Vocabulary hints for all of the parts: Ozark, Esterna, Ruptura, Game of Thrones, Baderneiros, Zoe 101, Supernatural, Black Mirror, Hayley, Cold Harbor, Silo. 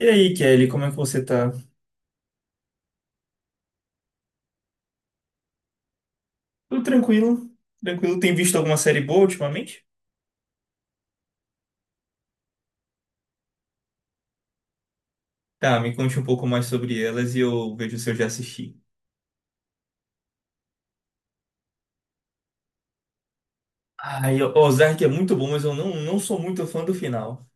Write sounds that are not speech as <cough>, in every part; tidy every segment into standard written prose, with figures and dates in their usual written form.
E aí, Kelly, como é que você tá? Tudo tranquilo? Tranquilo? Tem visto alguma série boa ultimamente? Tá, me conte um pouco mais sobre elas e eu vejo se eu já assisti. Ah, e Ozark é muito bom, mas eu não, sou muito fã do final.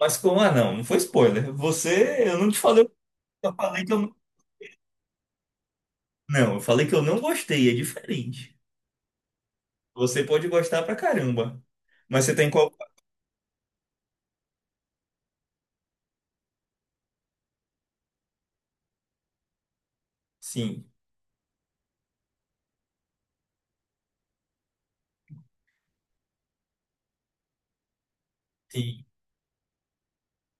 Mas como, ah, não, foi spoiler. Você, eu não te falei, eu falei que eu não. Não, eu falei que eu não gostei, é diferente. Você pode gostar pra caramba. Mas você tem qual. Sim, sim.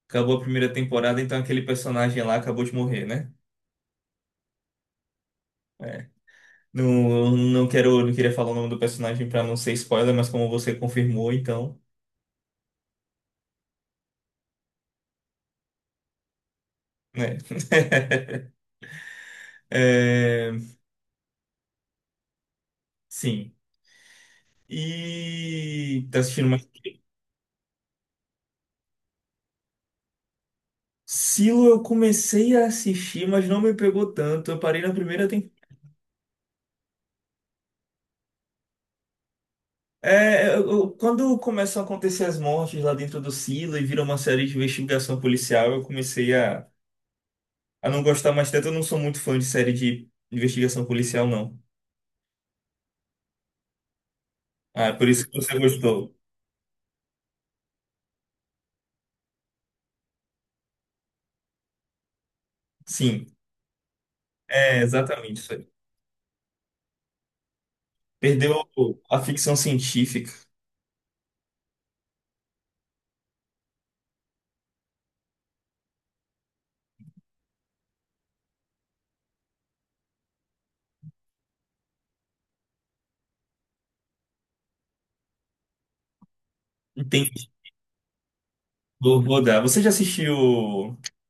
Acabou a primeira temporada, então aquele personagem lá acabou de morrer, né? É. Não, não quero, não queria falar o nome do personagem pra não ser spoiler, mas como você confirmou, então, né? <laughs> É, sim. E tá assistindo mais o quê? Silo eu comecei a assistir, mas não me pegou tanto. Eu parei na primeira temporada. É, Quando começam a acontecer as mortes lá dentro do Silo e vira uma série de investigação policial, eu comecei a não gostar mais tanto. Eu não sou muito fã de série de investigação policial, não. Ah, por isso que você gostou. Sim, é exatamente. Perdeu a ficção científica. Entendi. Vou, vou dar. Você já assistiu. Como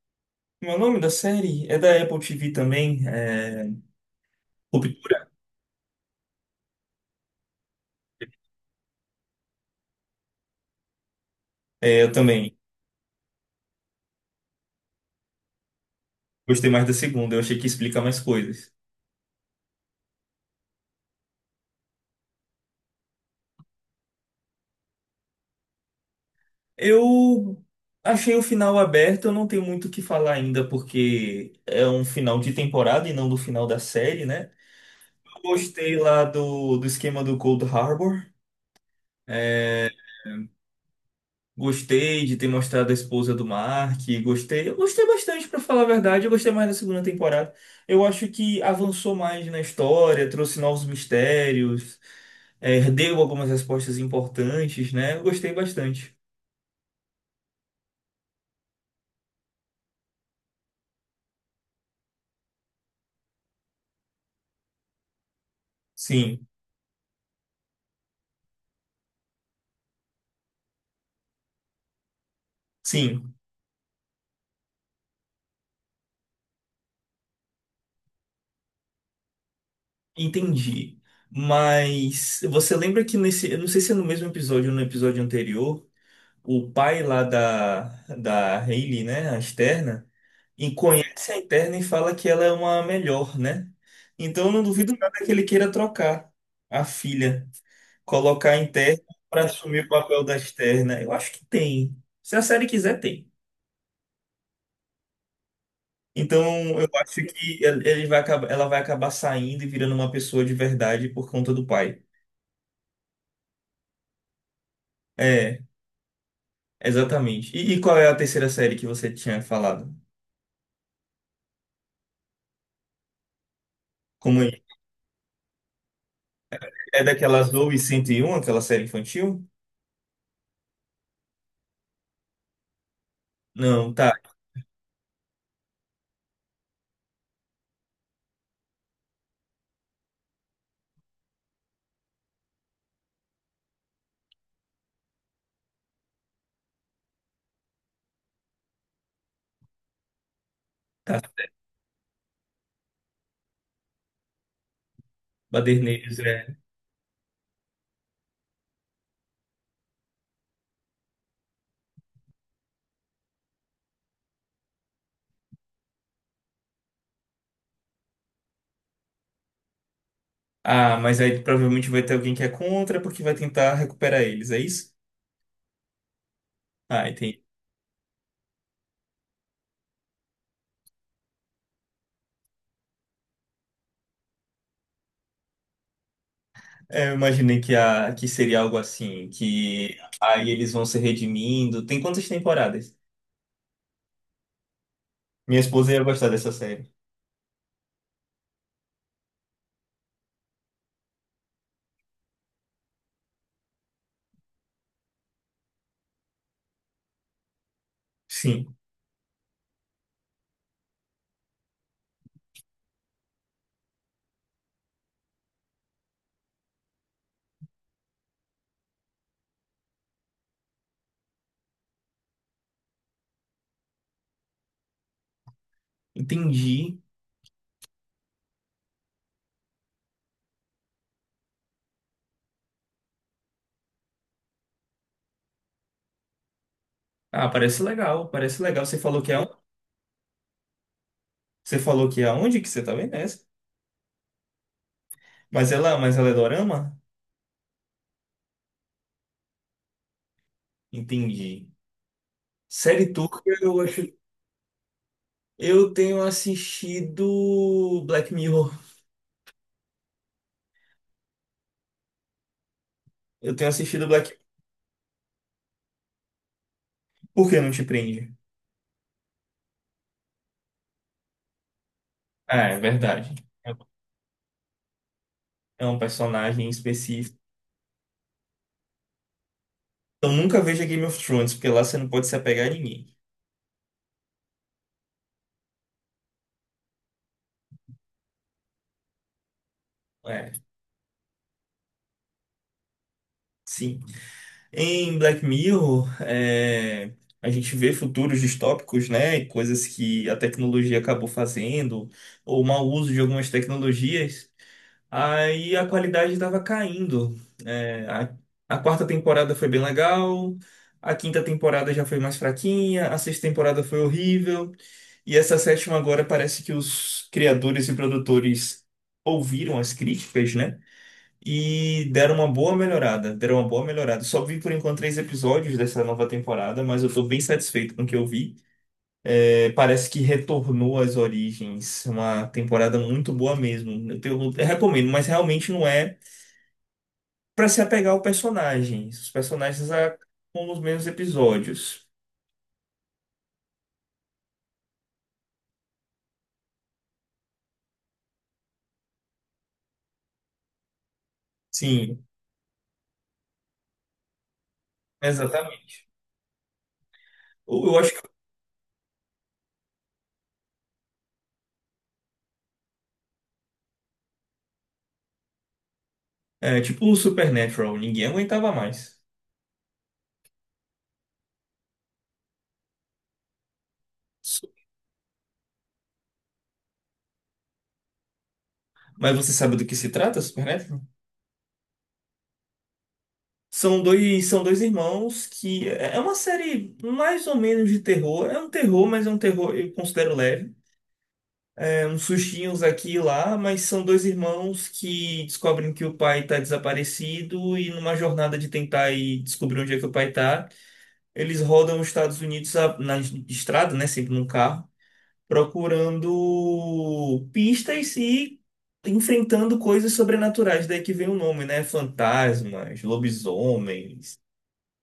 é o nome da série? É da Apple TV também. É... Ruptura? É, eu também. Gostei mais da segunda. Eu achei que ia explicar mais coisas. Eu achei o final aberto. Eu não tenho muito o que falar ainda, porque é um final de temporada e não do final da série, né? Eu gostei lá do esquema do Cold Harbor. É, gostei de ter mostrado a esposa do Mark, gostei, eu gostei bastante, pra falar a verdade, eu gostei mais da segunda temporada. Eu acho que avançou mais na história, trouxe novos mistérios, deu algumas respostas importantes, né? Eu gostei bastante. Sim, sim, entendi. Mas você lembra que nesse, eu não sei se é no mesmo episódio ou no episódio anterior, o pai lá da Hayley, né, a Esterna e conhece a interna e fala que ela é uma melhor, né? Então eu não duvido nada que ele queira trocar a filha, colocar a interna para assumir o papel da externa. Eu acho que tem. Se a série quiser, tem. Então eu acho que ele vai acabar, ela vai acabar saindo e virando uma pessoa de verdade por conta do pai. É, exatamente. E qual é a terceira série que você tinha falado? Como é É daquela Zoe 101, aquela série infantil? Não, tá, tá. Baderneiros, é. Ah, mas aí provavelmente vai ter alguém que é contra porque vai tentar recuperar eles, é isso? Ah, entendi. É, eu imaginei que, a, que seria algo assim, que aí eles vão se redimindo. Tem quantas temporadas? Minha esposa ia gostar dessa série. Sim, entendi. Ah, parece legal, parece legal. Você falou que é onde que você tá vendo essa? Mas ela é dorama? Entendi. Série turca, eu acho. Eu tenho assistido Black Mirror. Eu tenho assistido Black. Por que não te prende? Ah, é verdade. É é um personagem específico. Então nunca veja Game of Thrones, porque lá você não pode se apegar a ninguém. É, sim. Em Black Mirror, é, a gente vê futuros distópicos, né? E coisas que a tecnologia acabou fazendo, ou mau uso de algumas tecnologias. Aí a qualidade estava caindo. É, a, a quarta temporada foi bem legal, a quinta temporada já foi mais fraquinha, a sexta temporada foi horrível, e essa sétima agora parece que os criadores e produtores ouviram as críticas, né? E deram uma boa melhorada, deram uma boa melhorada. Só vi por enquanto três episódios dessa nova temporada, mas eu tô bem satisfeito com o que eu vi. É, parece que retornou às origens, uma temporada muito boa mesmo. Eu recomendo, mas realmente não é para se apegar ao personagem. Os personagens acabam nos mesmos episódios. Sim, exatamente. Eu acho que é tipo o Supernatural, ninguém aguentava mais. Su- Mas você sabe do que se trata, Supernatural? São dois irmãos que é uma série mais ou menos de terror. É um terror, mas é um terror eu considero leve. É uns sustinhos aqui e lá, mas são dois irmãos que descobrem que o pai está desaparecido e numa jornada de tentar ir descobrir onde é que o pai está. Eles rodam os na estrada, né? Sempre num carro, procurando pistas e enfrentando coisas sobrenaturais. Daí que vem o nome, né? Fantasmas, lobisomens,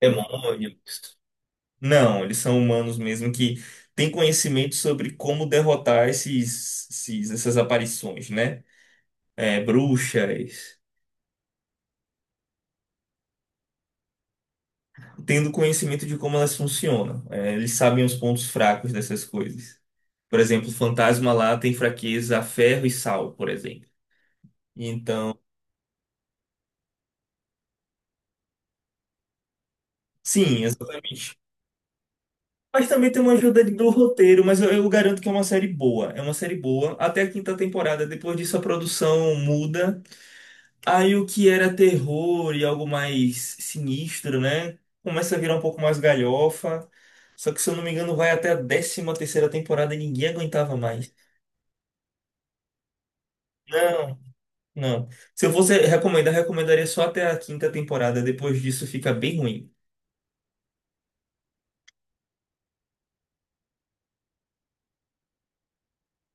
demônios. Não, eles são humanos mesmo que têm conhecimento sobre como derrotar essas aparições, né? É, bruxas. Tendo conhecimento de como elas funcionam. É, eles sabem os pontos fracos dessas coisas. Por exemplo, o fantasma lá tem fraqueza a ferro e sal, por exemplo. Então, sim, exatamente. Mas também tem uma ajuda ali do roteiro, mas eu garanto que é uma série boa. É uma série boa até a quinta temporada. Depois disso, a produção muda. Aí o que era terror e algo mais sinistro, né? Começa a virar um pouco mais galhofa. Só que, se eu não me engano, vai até a décima terceira temporada e ninguém aguentava mais. Não. Não. Se eu fosse recomendar, recomendaria só até a quinta temporada. Depois disso fica bem ruim.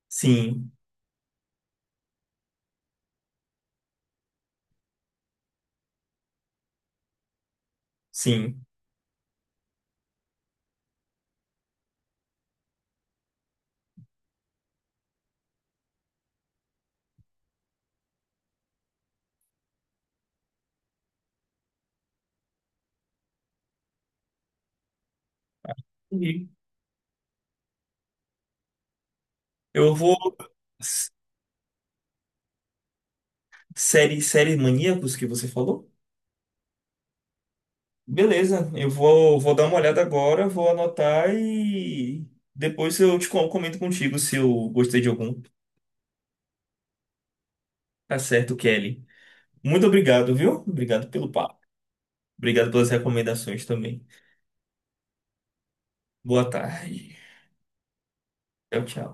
Sim, sim. E eu vou. S- Série, série Maníacos que você falou? Beleza, eu vou, vou dar uma olhada agora, vou anotar e depois eu te comento contigo se eu gostei de algum. Tá certo, Kelly. Muito obrigado, viu? Obrigado pelo papo. Obrigado pelas recomendações também. Boa tarde. Tchau, tchau.